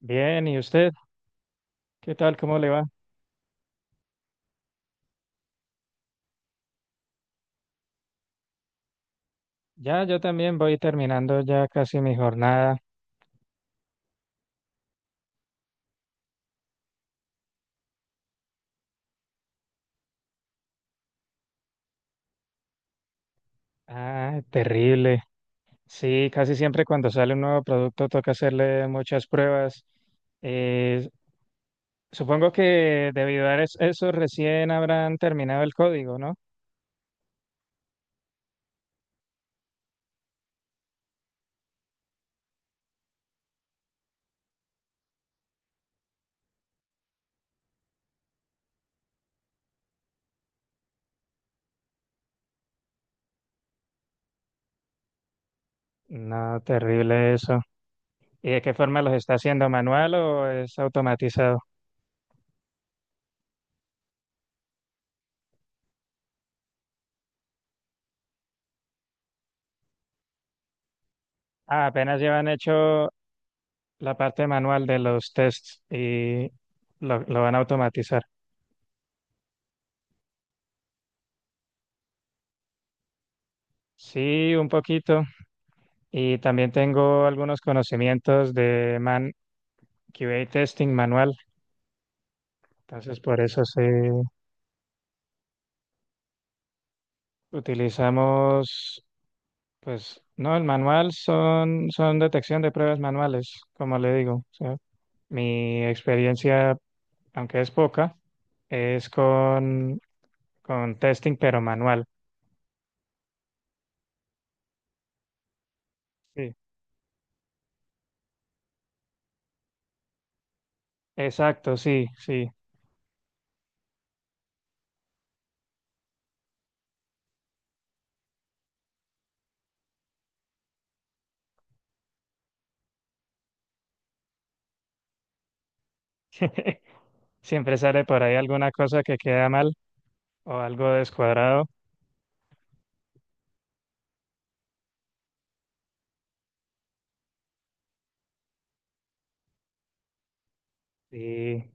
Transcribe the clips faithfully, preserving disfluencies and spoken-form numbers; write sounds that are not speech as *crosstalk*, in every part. Bien, ¿y usted? ¿Qué tal? ¿Cómo le va? Ya, yo también voy terminando ya casi mi jornada. Ah, terrible. Sí, casi siempre cuando sale un nuevo producto toca hacerle muchas pruebas. Eh, Supongo que debido a es- eso recién habrán terminado el código, ¿no? No, terrible eso. ¿Y de qué forma los está haciendo? ¿Manual o es automatizado? Ah, apenas llevan hecho la parte manual de los tests y lo, lo van a automatizar. Sí, un poquito. Y también tengo algunos conocimientos de man Q A testing manual. Entonces, por eso se utilizamos, pues, no, el manual son, son detección de pruebas manuales, como le digo. O sea, mi experiencia, aunque es poca, es con, con testing, pero manual. Sí. Exacto, sí, sí. *laughs* Siempre sale por ahí alguna cosa que queda mal o algo descuadrado. Y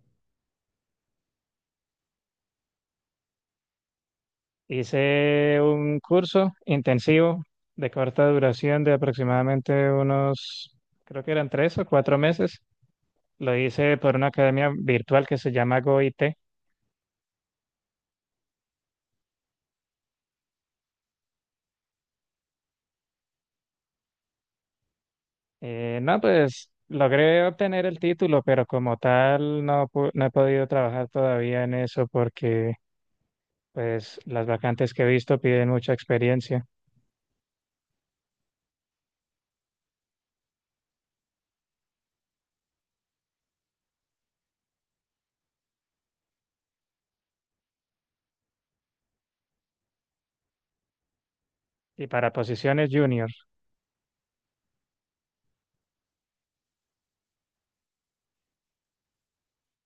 Hice un curso intensivo de corta duración de aproximadamente unos, creo que eran tres o cuatro meses. Lo hice por una academia virtual que se llama GoIT. Eh, no, pues logré obtener el título, pero como tal no, pu- no he podido trabajar todavía en eso porque pues las vacantes que he visto piden mucha experiencia. Y para posiciones junior,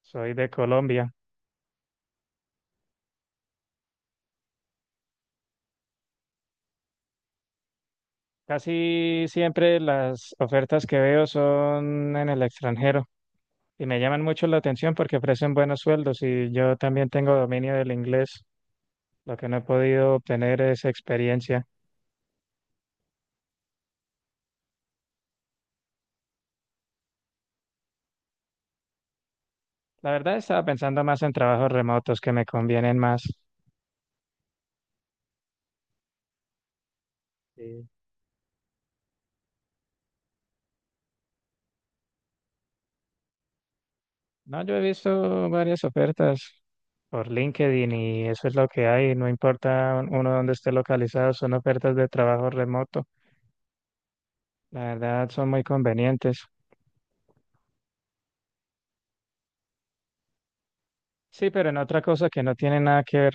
soy de Colombia. Casi siempre las ofertas que veo son en el extranjero y me llaman mucho la atención porque ofrecen buenos sueldos y yo también tengo dominio del inglés. Lo que no he podido obtener es experiencia. La verdad estaba pensando más en trabajos remotos que me convienen más. Sí. No, yo he visto varias ofertas por LinkedIn y eso es lo que hay. No importa uno dónde esté localizado, son ofertas de trabajo remoto. La verdad son muy convenientes. Sí, pero en otra cosa que no tiene nada que ver.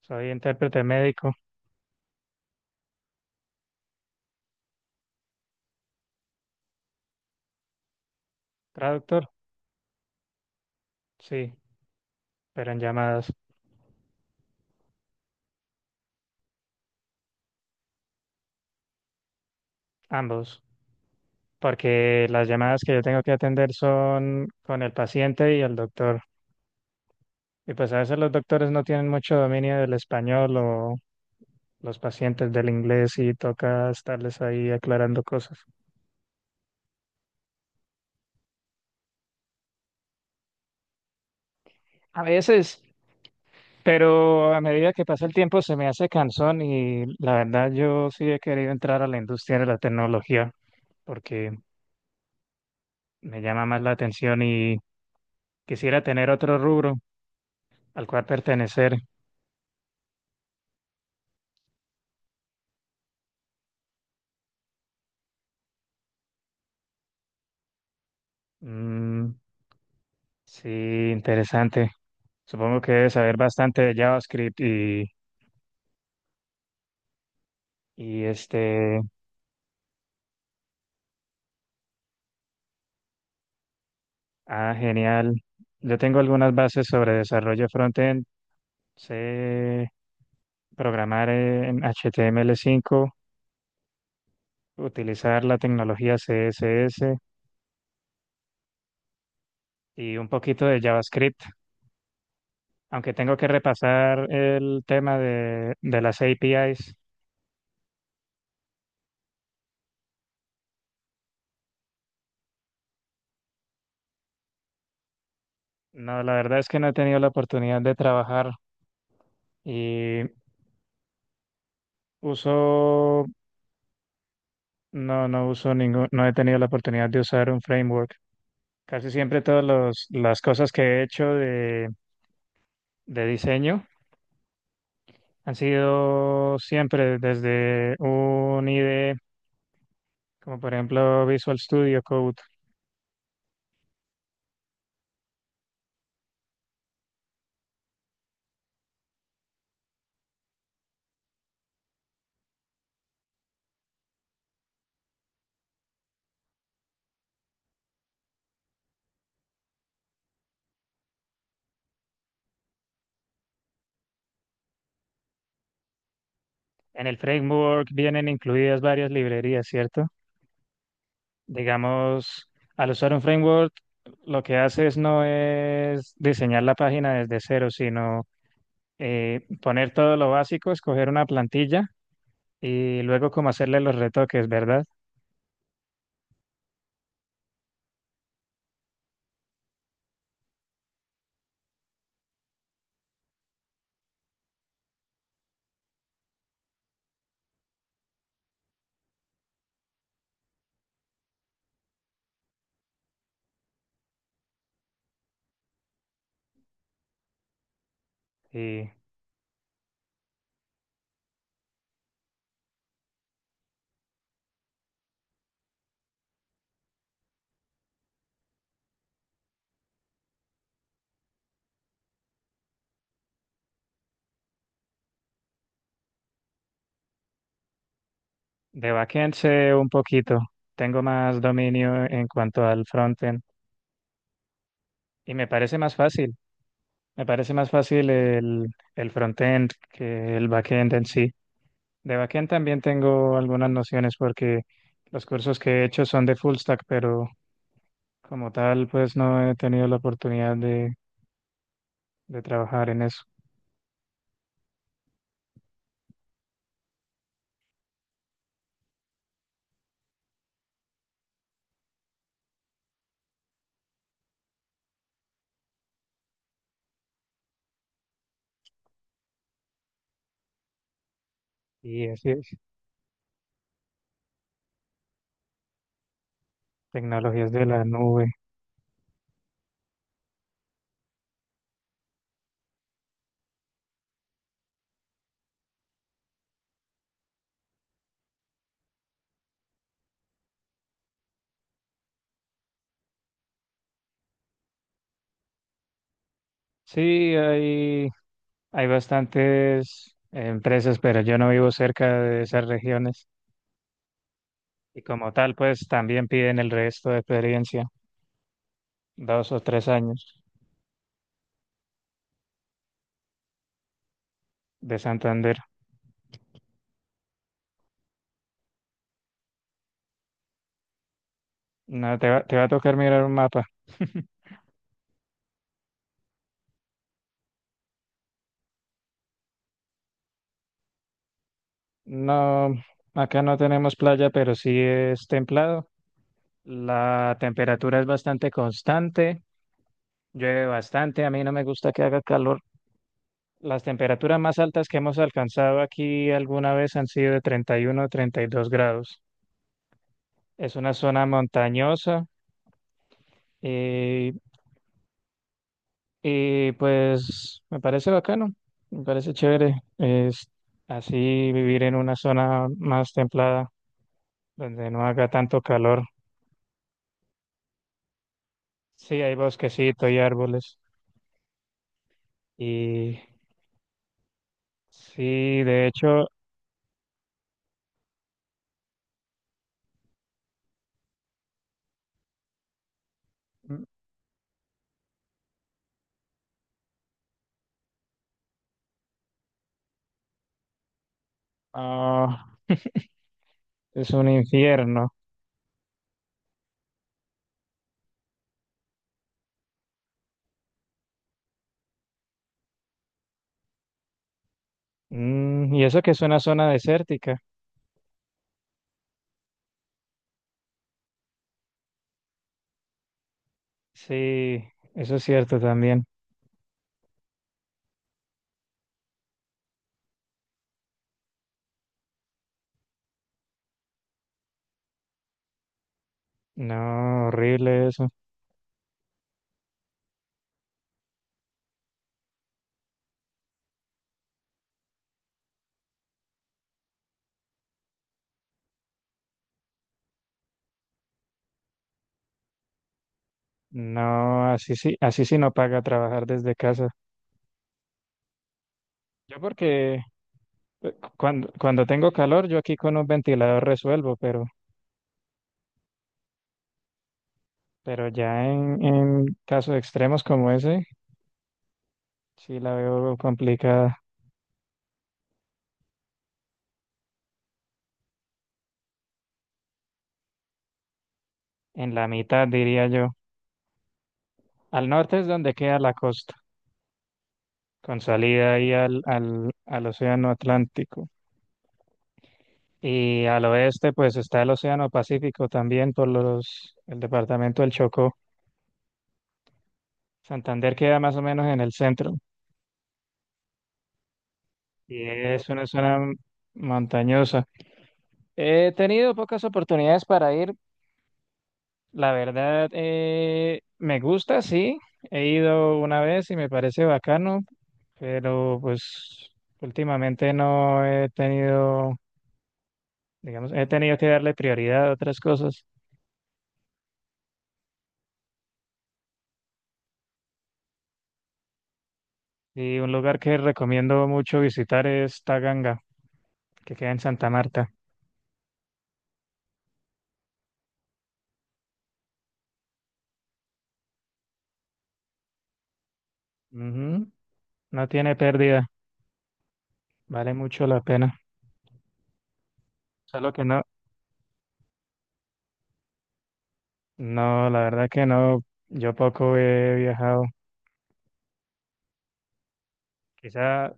Soy intérprete médico, traductor, sí, pero en llamadas, ambos. Porque las llamadas que yo tengo que atender son con el paciente y el doctor. Y pues a veces los doctores no tienen mucho dominio del español o los pacientes del inglés y toca estarles ahí aclarando cosas. A veces, pero a medida que pasa el tiempo se me hace cansón y la verdad yo sí he querido entrar a la industria de la tecnología porque me llama más la atención y quisiera tener otro rubro al cual pertenecer. Mm, sí, interesante. Supongo que debes saber bastante de JavaScript y, y este, ah, genial. Yo tengo algunas bases sobre desarrollo frontend. Sé programar en H T M L cinco, utilizar la tecnología C S S y un poquito de JavaScript, aunque tengo que repasar el tema de, de las A P Is. No, la verdad es que no he tenido la oportunidad de trabajar y uso, no, no uso ningún, no he tenido la oportunidad de usar un framework. Casi siempre todas los- las cosas que he hecho de, de diseño han sido siempre desde un I D E, como por ejemplo Visual Studio Code. En el framework vienen incluidas varias librerías, ¿cierto? Digamos, al usar un framework, lo que haces no es diseñar la página desde cero, sino eh, poner todo lo básico, escoger una plantilla y luego como hacerle los retoques, ¿verdad? Y de backend sé un poquito, tengo más dominio en cuanto al frontend y me parece más fácil, me parece más fácil el, el frontend que el backend en sí. De backend también tengo algunas nociones porque los cursos que he hecho son de full stack, pero como tal pues no he tenido la oportunidad de, de trabajar en eso. Y así es, tecnologías de la nube. Sí, hay, hay bastantes empresas, pero yo no vivo cerca de esas regiones y como tal, pues también piden el resto de experiencia, dos o tres años de Santander. No, te va, te va a tocar mirar un mapa. No, acá no tenemos playa, pero sí es templado. La temperatura es bastante constante, llueve bastante, a mí no me gusta que haga calor. Las temperaturas más altas que hemos alcanzado aquí alguna vez han sido de treinta y uno o treinta y dos grados. Es una zona montañosa eh, y pues me parece bacano, me parece chévere. Es así vivir en una zona más templada, donde no haga tanto calor. Sí, hay bosquecito y árboles. Y sí, de hecho, mm, ah, es un infierno. Mm, y eso que es una zona desértica. Sí, eso es cierto también. No, horrible eso. No, así sí, así sí no paga trabajar desde casa. Yo porque cuando, cuando tengo calor, yo aquí con un ventilador resuelvo, pero, pero ya en, en casos extremos como ese, sí la veo complicada. En la mitad, diría yo. Al norte es donde queda la costa, con salida ahí al, al, al océano Atlántico. Y al oeste, pues está el océano Pacífico también por los, el departamento del Chocó. Santander queda más o menos en el centro y es una zona montañosa. He tenido pocas oportunidades para ir. La verdad, eh, me gusta, sí. He ido una vez y me parece bacano, pero pues últimamente no he tenido, digamos, he tenido que darle prioridad a otras cosas. Y un lugar que recomiendo mucho visitar es Taganga, que queda en Santa Marta. Ujú. No tiene pérdida, vale mucho la pena. Solo que no, no, la verdad que no, yo poco he viajado. Quizá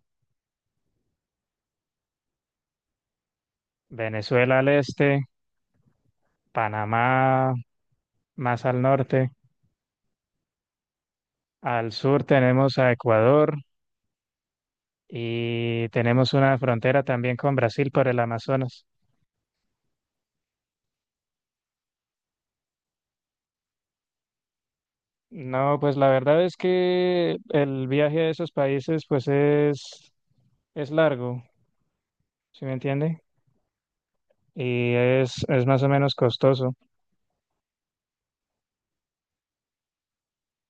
Venezuela al este, Panamá más al norte. Al sur tenemos a Ecuador y tenemos una frontera también con Brasil por el Amazonas. No, pues la verdad es que el viaje a esos países pues es, es largo, ¿sí me entiende? Y es, es más o menos costoso.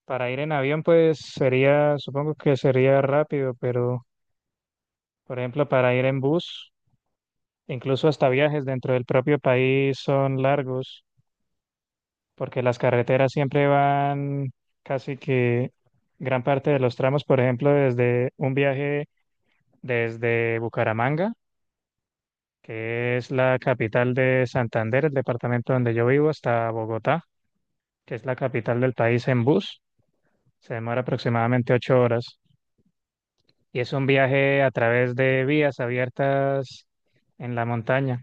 Para ir en avión pues sería, supongo que sería rápido, pero por ejemplo para ir en bus, incluso hasta viajes dentro del propio país son largos. Porque las carreteras siempre van casi que gran parte de los tramos, por ejemplo, desde un viaje desde Bucaramanga, que es la capital de Santander, el departamento donde yo vivo, hasta Bogotá, que es la capital del país en bus, se demora aproximadamente ocho horas y es un viaje a través de vías abiertas en la montaña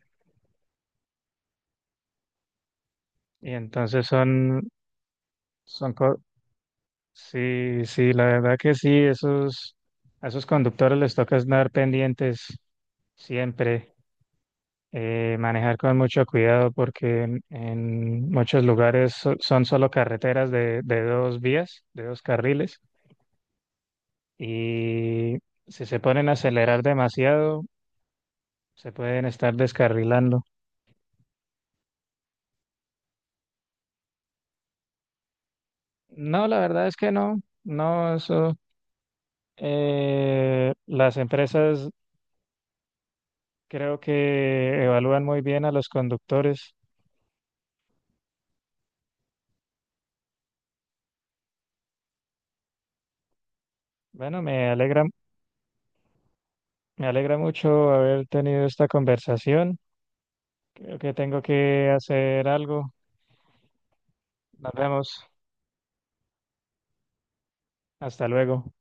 y entonces son, son, co- sí, sí, la verdad que sí, esos, a esos conductores les toca estar pendientes siempre, eh, manejar con mucho cuidado porque en, en muchos lugares so- son solo carreteras de, de dos vías, de dos carriles, y si se ponen a acelerar demasiado, se pueden estar descarrilando. No, la verdad es que no, no, eso, eh, las empresas creo que evalúan muy bien a los conductores. Bueno, me alegra, me alegra mucho haber tenido esta conversación. Creo que tengo que hacer algo. Nos vemos. Hasta luego.